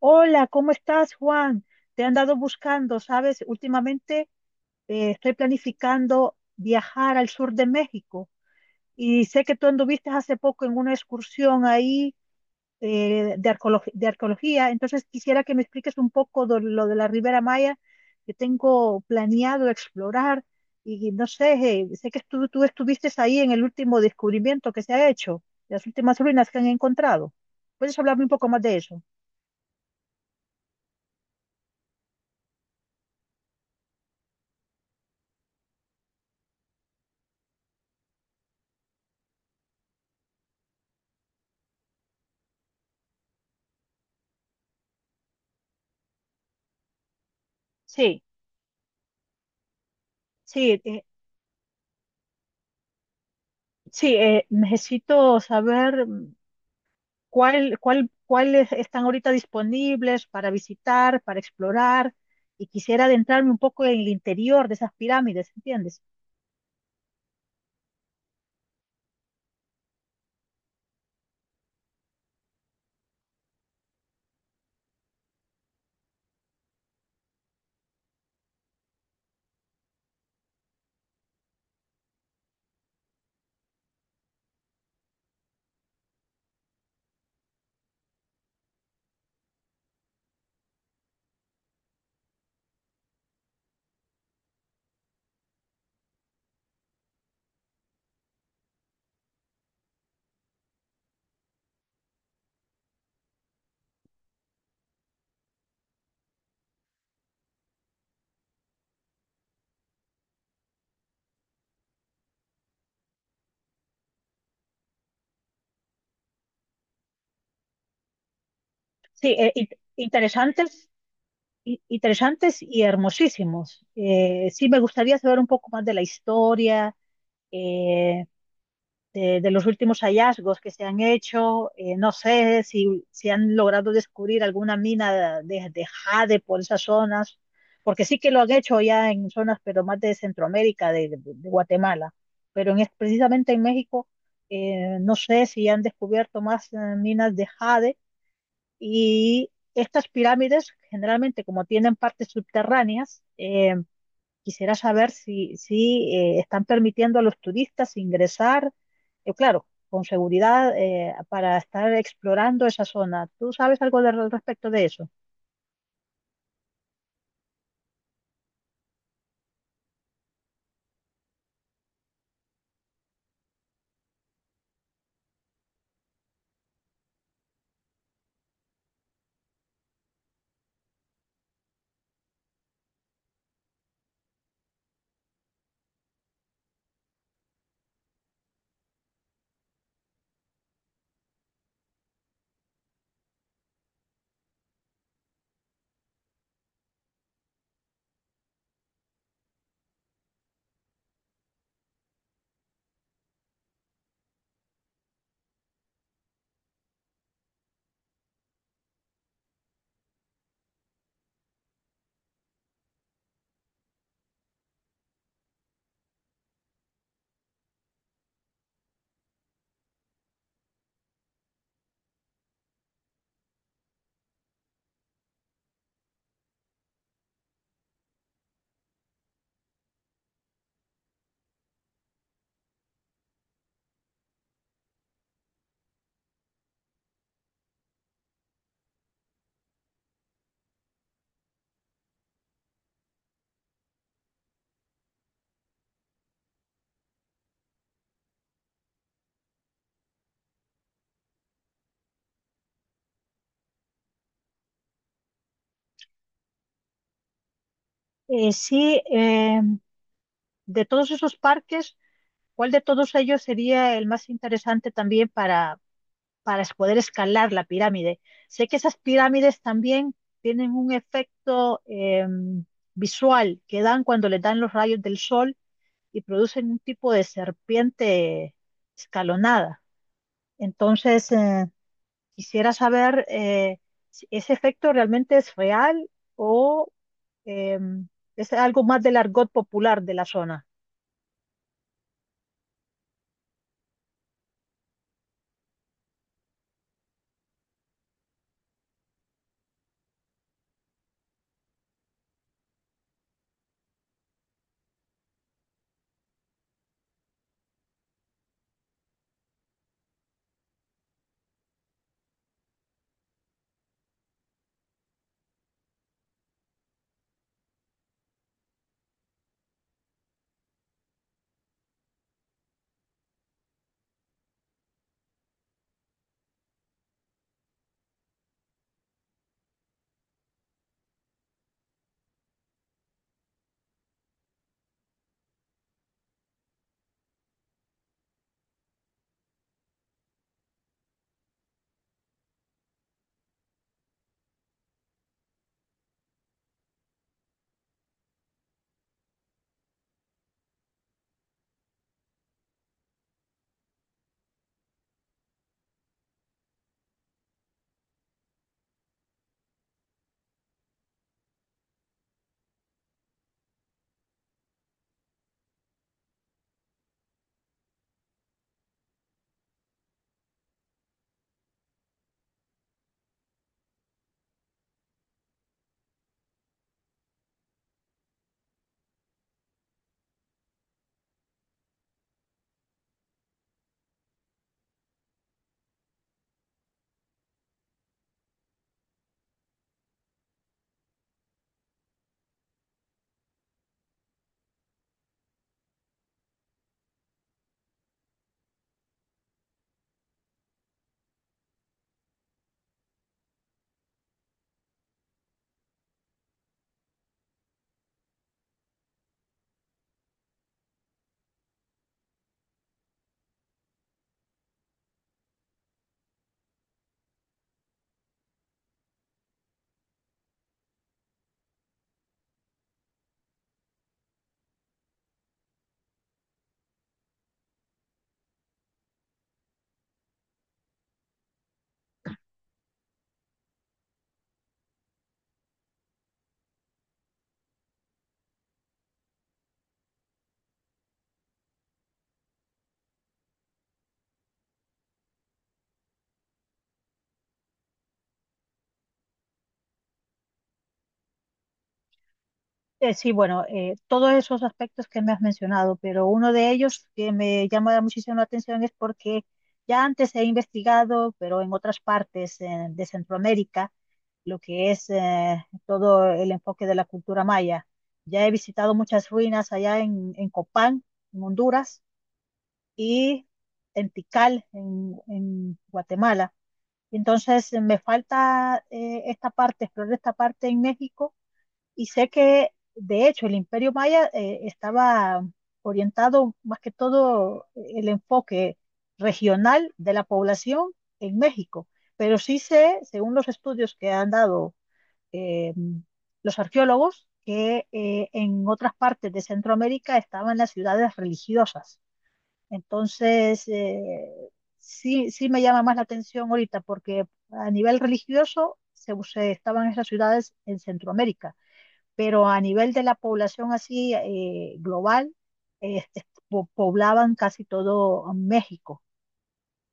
Hola, ¿cómo estás, Juan? Te han dado buscando, ¿sabes? Últimamente estoy planificando viajar al sur de México y sé que tú anduviste hace poco en una excursión ahí, de arqueología. Entonces quisiera que me expliques un poco de lo de la Ribera Maya que tengo planeado explorar, y no sé, sé que tú estuviste ahí en el último descubrimiento que se ha hecho, las últimas ruinas que han encontrado. ¿Puedes hablarme un poco más de eso? Sí, sí. Sí, necesito saber, cuáles están ahorita disponibles para visitar, para explorar, y quisiera adentrarme un poco en el interior de esas pirámides, ¿entiendes? Sí, interesantes, interesantes y hermosísimos. Sí, me gustaría saber un poco más de la historia, eh, de los últimos hallazgos que se han hecho. No sé si, si han logrado descubrir alguna mina de jade por esas zonas, porque sí que lo han hecho ya en zonas, pero más de Centroamérica, de Guatemala. Pero precisamente en México, no sé si han descubierto más minas de jade, y estas pirámides generalmente como tienen partes subterráneas. Quisiera saber si, si están permitiendo a los turistas ingresar, claro, con seguridad, para estar explorando esa zona. ¿Tú sabes algo de- al respecto de eso? Sí, de todos esos parques, ¿cuál de todos ellos sería el más interesante también para, poder escalar la pirámide? Sé que esas pirámides también tienen un efecto, visual, que dan cuando le dan los rayos del sol y producen un tipo de serpiente escalonada. Entonces, quisiera saber si ese efecto realmente es real, o eh, es algo más del argot popular de la zona. Sí, bueno, todos esos aspectos que me has mencionado, pero uno de ellos que me llama muchísimo la atención es porque ya antes he investigado, pero en otras partes, de Centroamérica, lo que es todo el enfoque de la cultura maya. Ya he visitado muchas ruinas allá en Copán, en Honduras, y en Tikal, en Guatemala. Entonces, me falta esta parte, explorar esta parte en México, y sé que, de hecho, el Imperio Maya estaba orientado más que todo el enfoque regional de la población en México. Pero sí sé, según los estudios que han dado, eh, los arqueólogos, que en otras partes de Centroamérica estaban las ciudades religiosas. Entonces, sí, sí me llama más la atención ahorita porque a nivel religioso se estaban esas ciudades en Centroamérica, pero a nivel de la población así, global, poblaban casi todo México.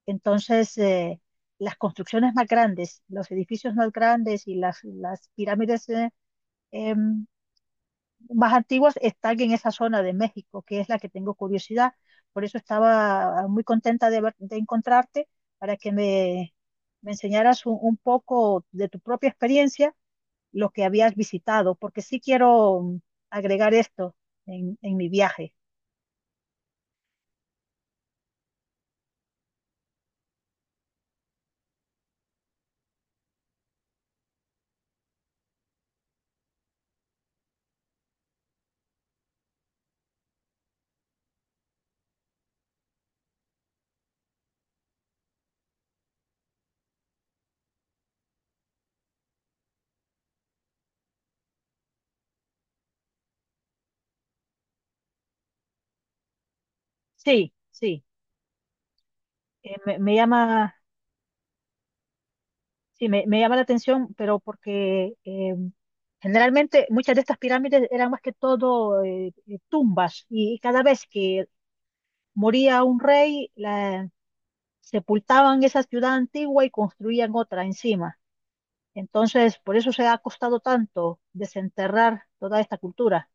Entonces, las construcciones más grandes, los edificios más grandes y las pirámides em, más antiguas están en esa zona de México, que es la que tengo curiosidad. Por eso estaba muy contenta de, de encontrarte para que me enseñaras un poco de tu propia experiencia, lo que habías visitado, porque sí quiero agregar esto en mi viaje. Sí, sí, me llama, sí, me llama la atención, pero porque generalmente muchas de estas pirámides eran más que todo tumbas, y cada vez que moría un rey, la, sepultaban esa ciudad antigua y construían otra encima. Entonces, por eso se ha costado tanto desenterrar toda esta cultura.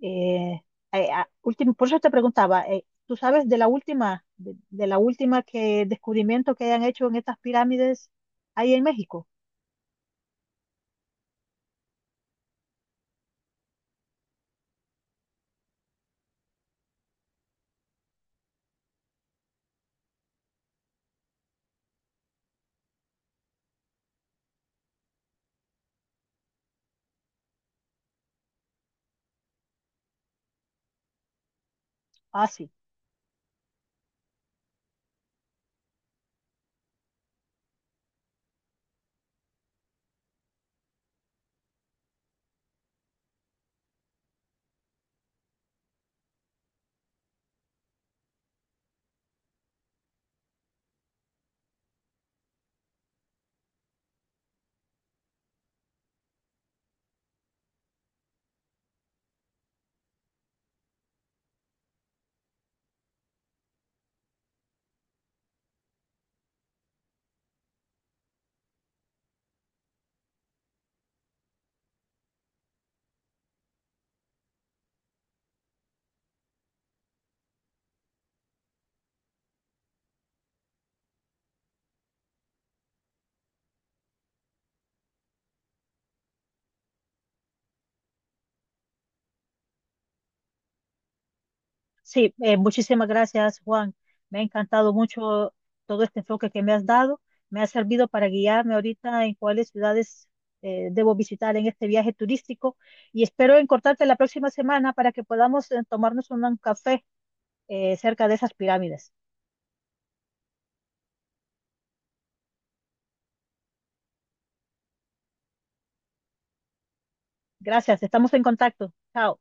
Eh, último, por eso te preguntaba, ¿tú sabes de la última, de la última que descubrimiento que hayan hecho en estas pirámides ahí en México? Ah, sí. Sí, muchísimas gracias, Juan. Me ha encantado mucho todo este enfoque que me has dado. Me ha servido para guiarme ahorita en cuáles ciudades debo visitar en este viaje turístico, y espero encontrarte la próxima semana para que podamos, tomarnos un café cerca de esas pirámides. Gracias, estamos en contacto. Chao.